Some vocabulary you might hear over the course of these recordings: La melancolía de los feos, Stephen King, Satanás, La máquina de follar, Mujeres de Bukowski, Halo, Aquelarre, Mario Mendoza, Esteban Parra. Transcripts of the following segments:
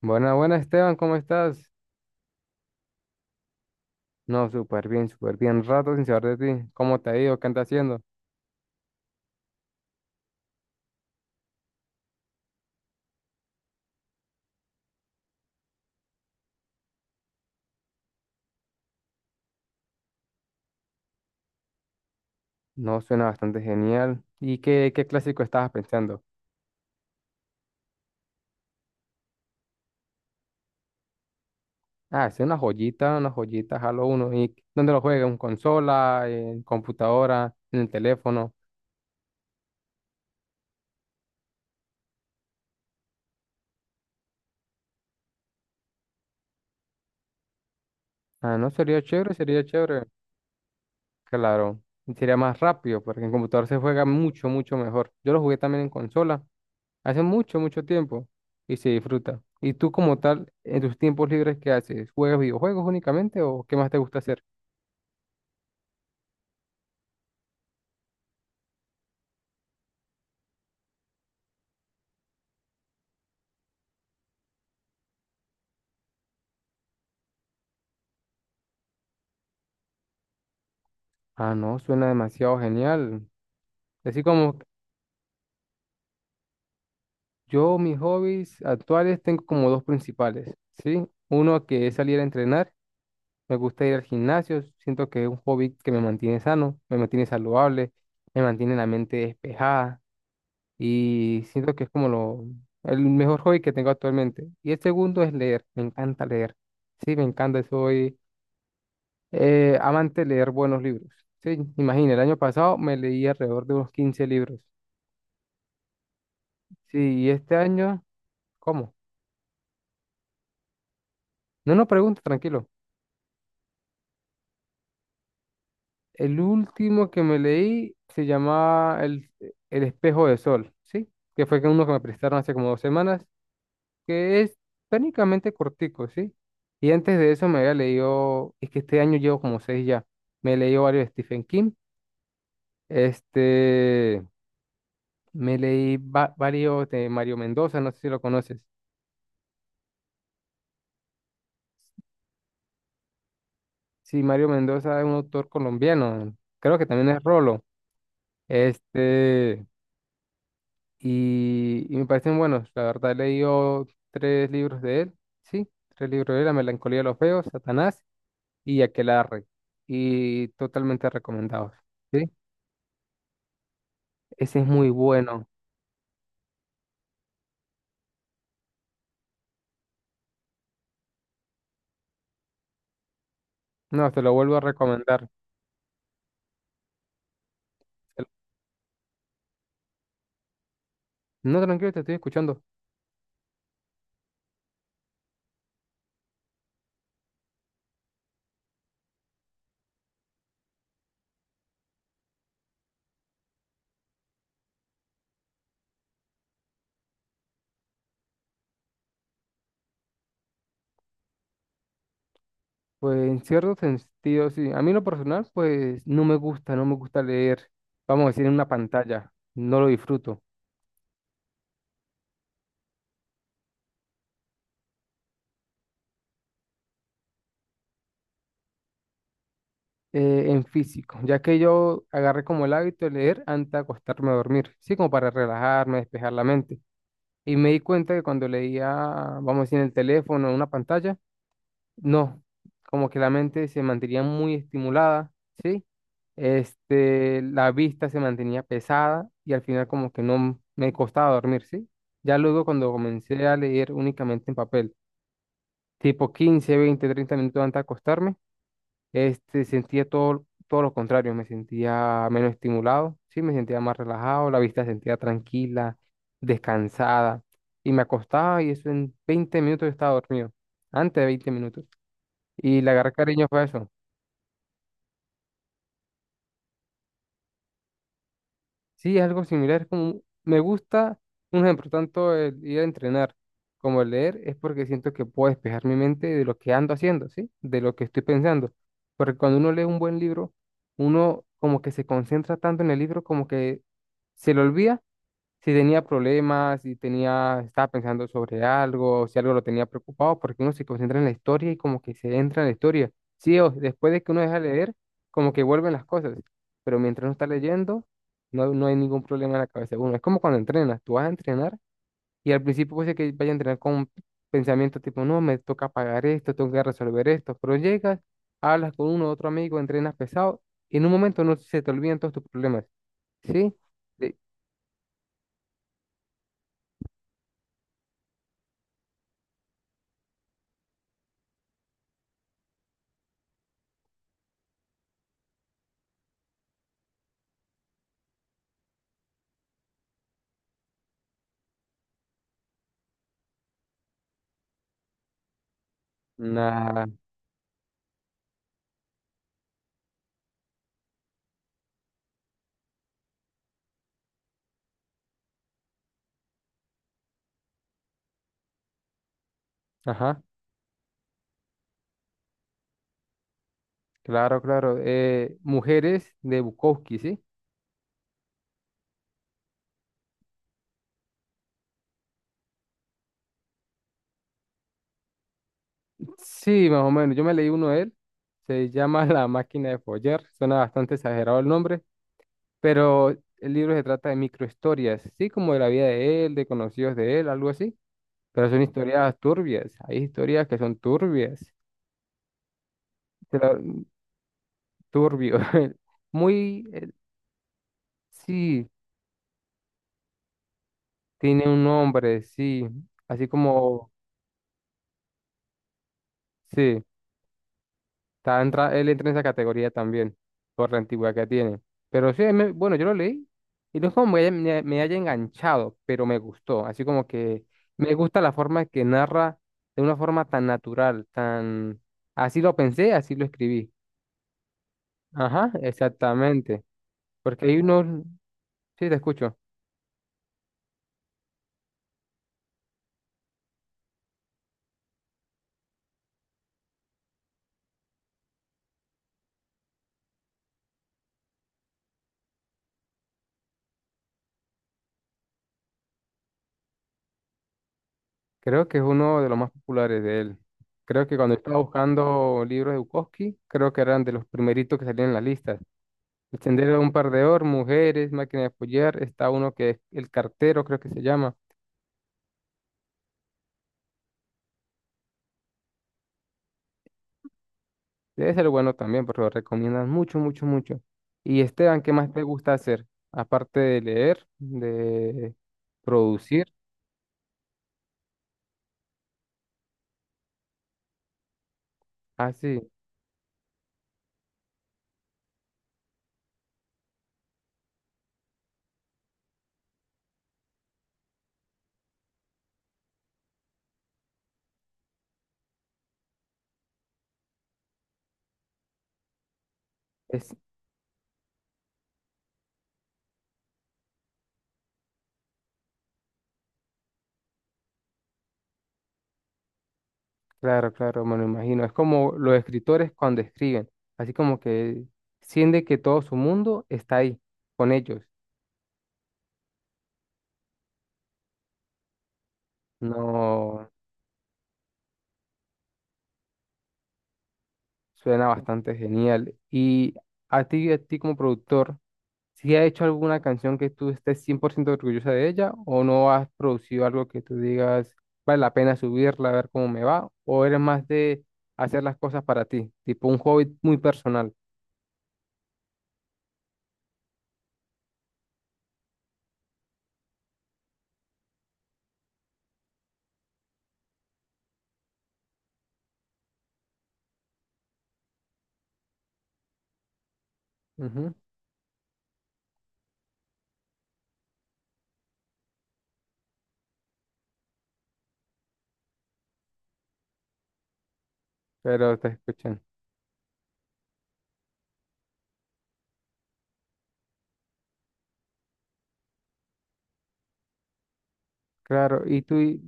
Buena, buena Esteban, ¿cómo estás? No, súper bien, súper bien. Rato sin saber de ti. ¿Cómo te ha ido? ¿Qué andas haciendo? No, suena bastante genial. ¿Y qué clásico estabas pensando? Ah, es una joyita, Halo uno. ¿Y dónde lo juegas? ¿En consola? ¿En computadora? ¿En el teléfono? Ah, no, sería chévere, sería chévere. Claro, y sería más rápido porque en computador se juega mucho, mucho mejor. Yo lo jugué también en consola. Hace mucho, mucho tiempo y se disfruta. ¿Y tú como tal, en tus tiempos libres, qué haces? ¿Juegas videojuegos únicamente o qué más te gusta hacer? Ah, no, suena demasiado genial. Así como yo, mis hobbies actuales tengo como dos principales, ¿sí? Uno que es salir a entrenar, me gusta ir al gimnasio, siento que es un hobby que me mantiene sano, me mantiene saludable, me mantiene la mente despejada y siento que es como lo, el mejor hobby que tengo actualmente. Y el segundo es leer, me encanta leer. Sí, me encanta, soy amante de leer buenos libros. Sí, imagina, el año pasado me leí alrededor de unos 15 libros. Sí, y este año, ¿cómo? No, no pregunto, tranquilo. El último que me leí se llamaba El espejo de sol, ¿sí? Que fue que uno que me prestaron hace como 2 semanas que es técnicamente cortico, ¿sí? Y antes de eso me había leído, es que este año llevo como seis ya, me he leído varios de Stephen King, este, me leí varios de Mario Mendoza, no sé si lo conoces. Sí, Mario Mendoza es un autor colombiano, creo que también es Rolo, este, y me parecen buenos, la verdad he leído tres libros de él, sí, tres libros de él, La melancolía de los feos, Satanás y Aquelarre, y totalmente recomendados. ¿Sí? Ese es muy bueno. No, te lo vuelvo a recomendar. Te- lo- No, tranquilo, te estoy escuchando. Pues en cierto sentido, sí. A mí en lo personal, pues no me gusta, no me gusta leer, vamos a decir, en una pantalla. No lo disfruto. En físico, ya que yo agarré como el hábito de leer antes de acostarme a dormir. Sí, como para relajarme, despejar la mente. Y me di cuenta que cuando leía, vamos a decir, en el teléfono, en una pantalla, no, como que la mente se mantenía muy estimulada, ¿sí? La vista se mantenía pesada y al final como que no me costaba dormir, ¿sí? Ya luego cuando comencé a leer únicamente en papel, tipo 15 20 30 minutos antes de acostarme, sentía todo, todo lo contrario, me sentía menos estimulado, ¿sí? Me sentía más relajado, la vista se sentía tranquila, descansada y me acostaba y eso en 20 minutos yo estaba dormido, antes de 20 minutos. Y le agarré cariño fue a eso. Sí, es algo similar, es como, me gusta, un ejemplo, tanto el ir a entrenar como el leer, es porque siento que puedo despejar mi mente de lo que ando haciendo, ¿sí? De lo que estoy pensando. Porque cuando uno lee un buen libro, uno como que se concentra tanto en el libro como que se le olvida si tenía problemas, si tenía, estaba pensando sobre algo, si algo lo tenía preocupado, porque uno se concentra en la historia y como que se entra en la historia. Sí, o después de que uno deja de leer, como que vuelven las cosas, pero mientras uno está leyendo, no, no hay ningún problema en la cabeza de uno. Es como cuando entrenas, tú vas a entrenar y al principio puede ser que vaya a entrenar con un pensamiento tipo, no, me toca pagar esto, tengo que resolver esto, pero llegas, hablas con uno, o otro amigo, entrenas pesado y en un momento no se te olvidan todos tus problemas, ¿sí? De- Nada, ajá. Claro, claro. Mujeres de Bukowski, ¿sí? Sí, más o menos. Yo me leí uno de él. Se llama La máquina de follar. Suena bastante exagerado el nombre, pero el libro se trata de microhistorias, sí, como de la vida de él, de conocidos de él, algo así. Pero son historias turbias. Hay historias que son turbias. te la- Turbio. Muy, sí, tiene un nombre, sí. Así como, sí. Está él entra en esa categoría también, por la antigüedad que tiene. Pero sí, bueno, yo lo leí y no es como me haya, me haya enganchado, pero me gustó. Así como que me gusta la forma que narra de una forma tan natural, tan... Así lo pensé, así lo escribí. Ajá, exactamente. Porque hay uno, sí, te escucho. Creo que es uno de los más populares de él. Creo que cuando estaba buscando libros de Bukowski, creo que eran de los primeritos que salían en las listas. Extender a un par de or, mujeres, máquina de apoyar. Está uno que es el cartero, creo que se llama. Debe ser bueno también, porque lo recomiendan mucho, mucho, mucho. Y Esteban, ¿qué más te gusta hacer? Aparte de leer, de producir. Ah, sí, es claro, claro, me lo imagino. Es como los escritores cuando escriben, así como que sienten que todo su mundo está ahí con ellos. No, suena bastante genial. Y a ti como productor, si has hecho alguna canción que tú estés 100% orgullosa de ella o no has producido algo que tú digas vale la pena subirla, a ver cómo me va, o eres más de hacer las cosas para ti, tipo un hobby muy personal. Ujú, pero te escuchan. Claro, ¿y tú y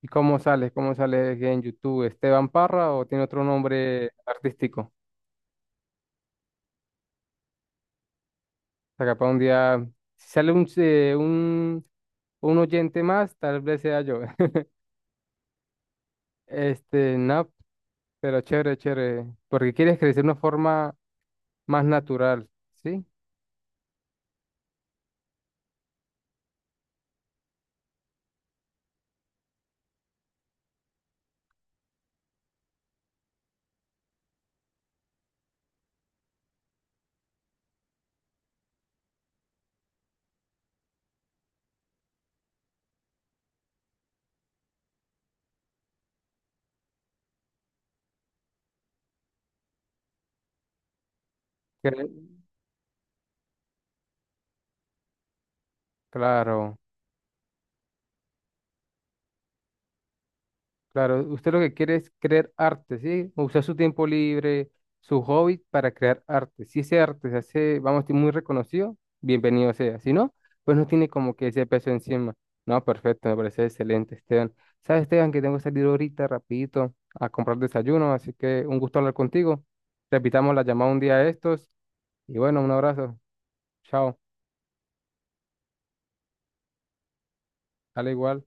y cómo sales? ¿Cómo sales en YouTube? ¿Esteban Parra o tiene otro nombre artístico? O sea, capaz un día, si sale un oyente más, tal vez sea yo. No, pero chévere, chévere, porque quieres crecer de una forma más natural, ¿sí? Cre- Claro, claro. Usted lo que quiere es crear arte, ¿sí? Usar su tiempo libre, su hobby para crear arte. Si ese arte se hace, vamos a decir, muy reconocido, bienvenido sea. Si no, pues no tiene como que ese peso encima. No, perfecto, me parece excelente, Esteban. ¿Sabes, Esteban, que tengo que salir ahorita rapidito a comprar desayuno? Así que un gusto hablar contigo. Repitamos la llamada un día de estos. Y bueno, un abrazo. Chao. Dale igual.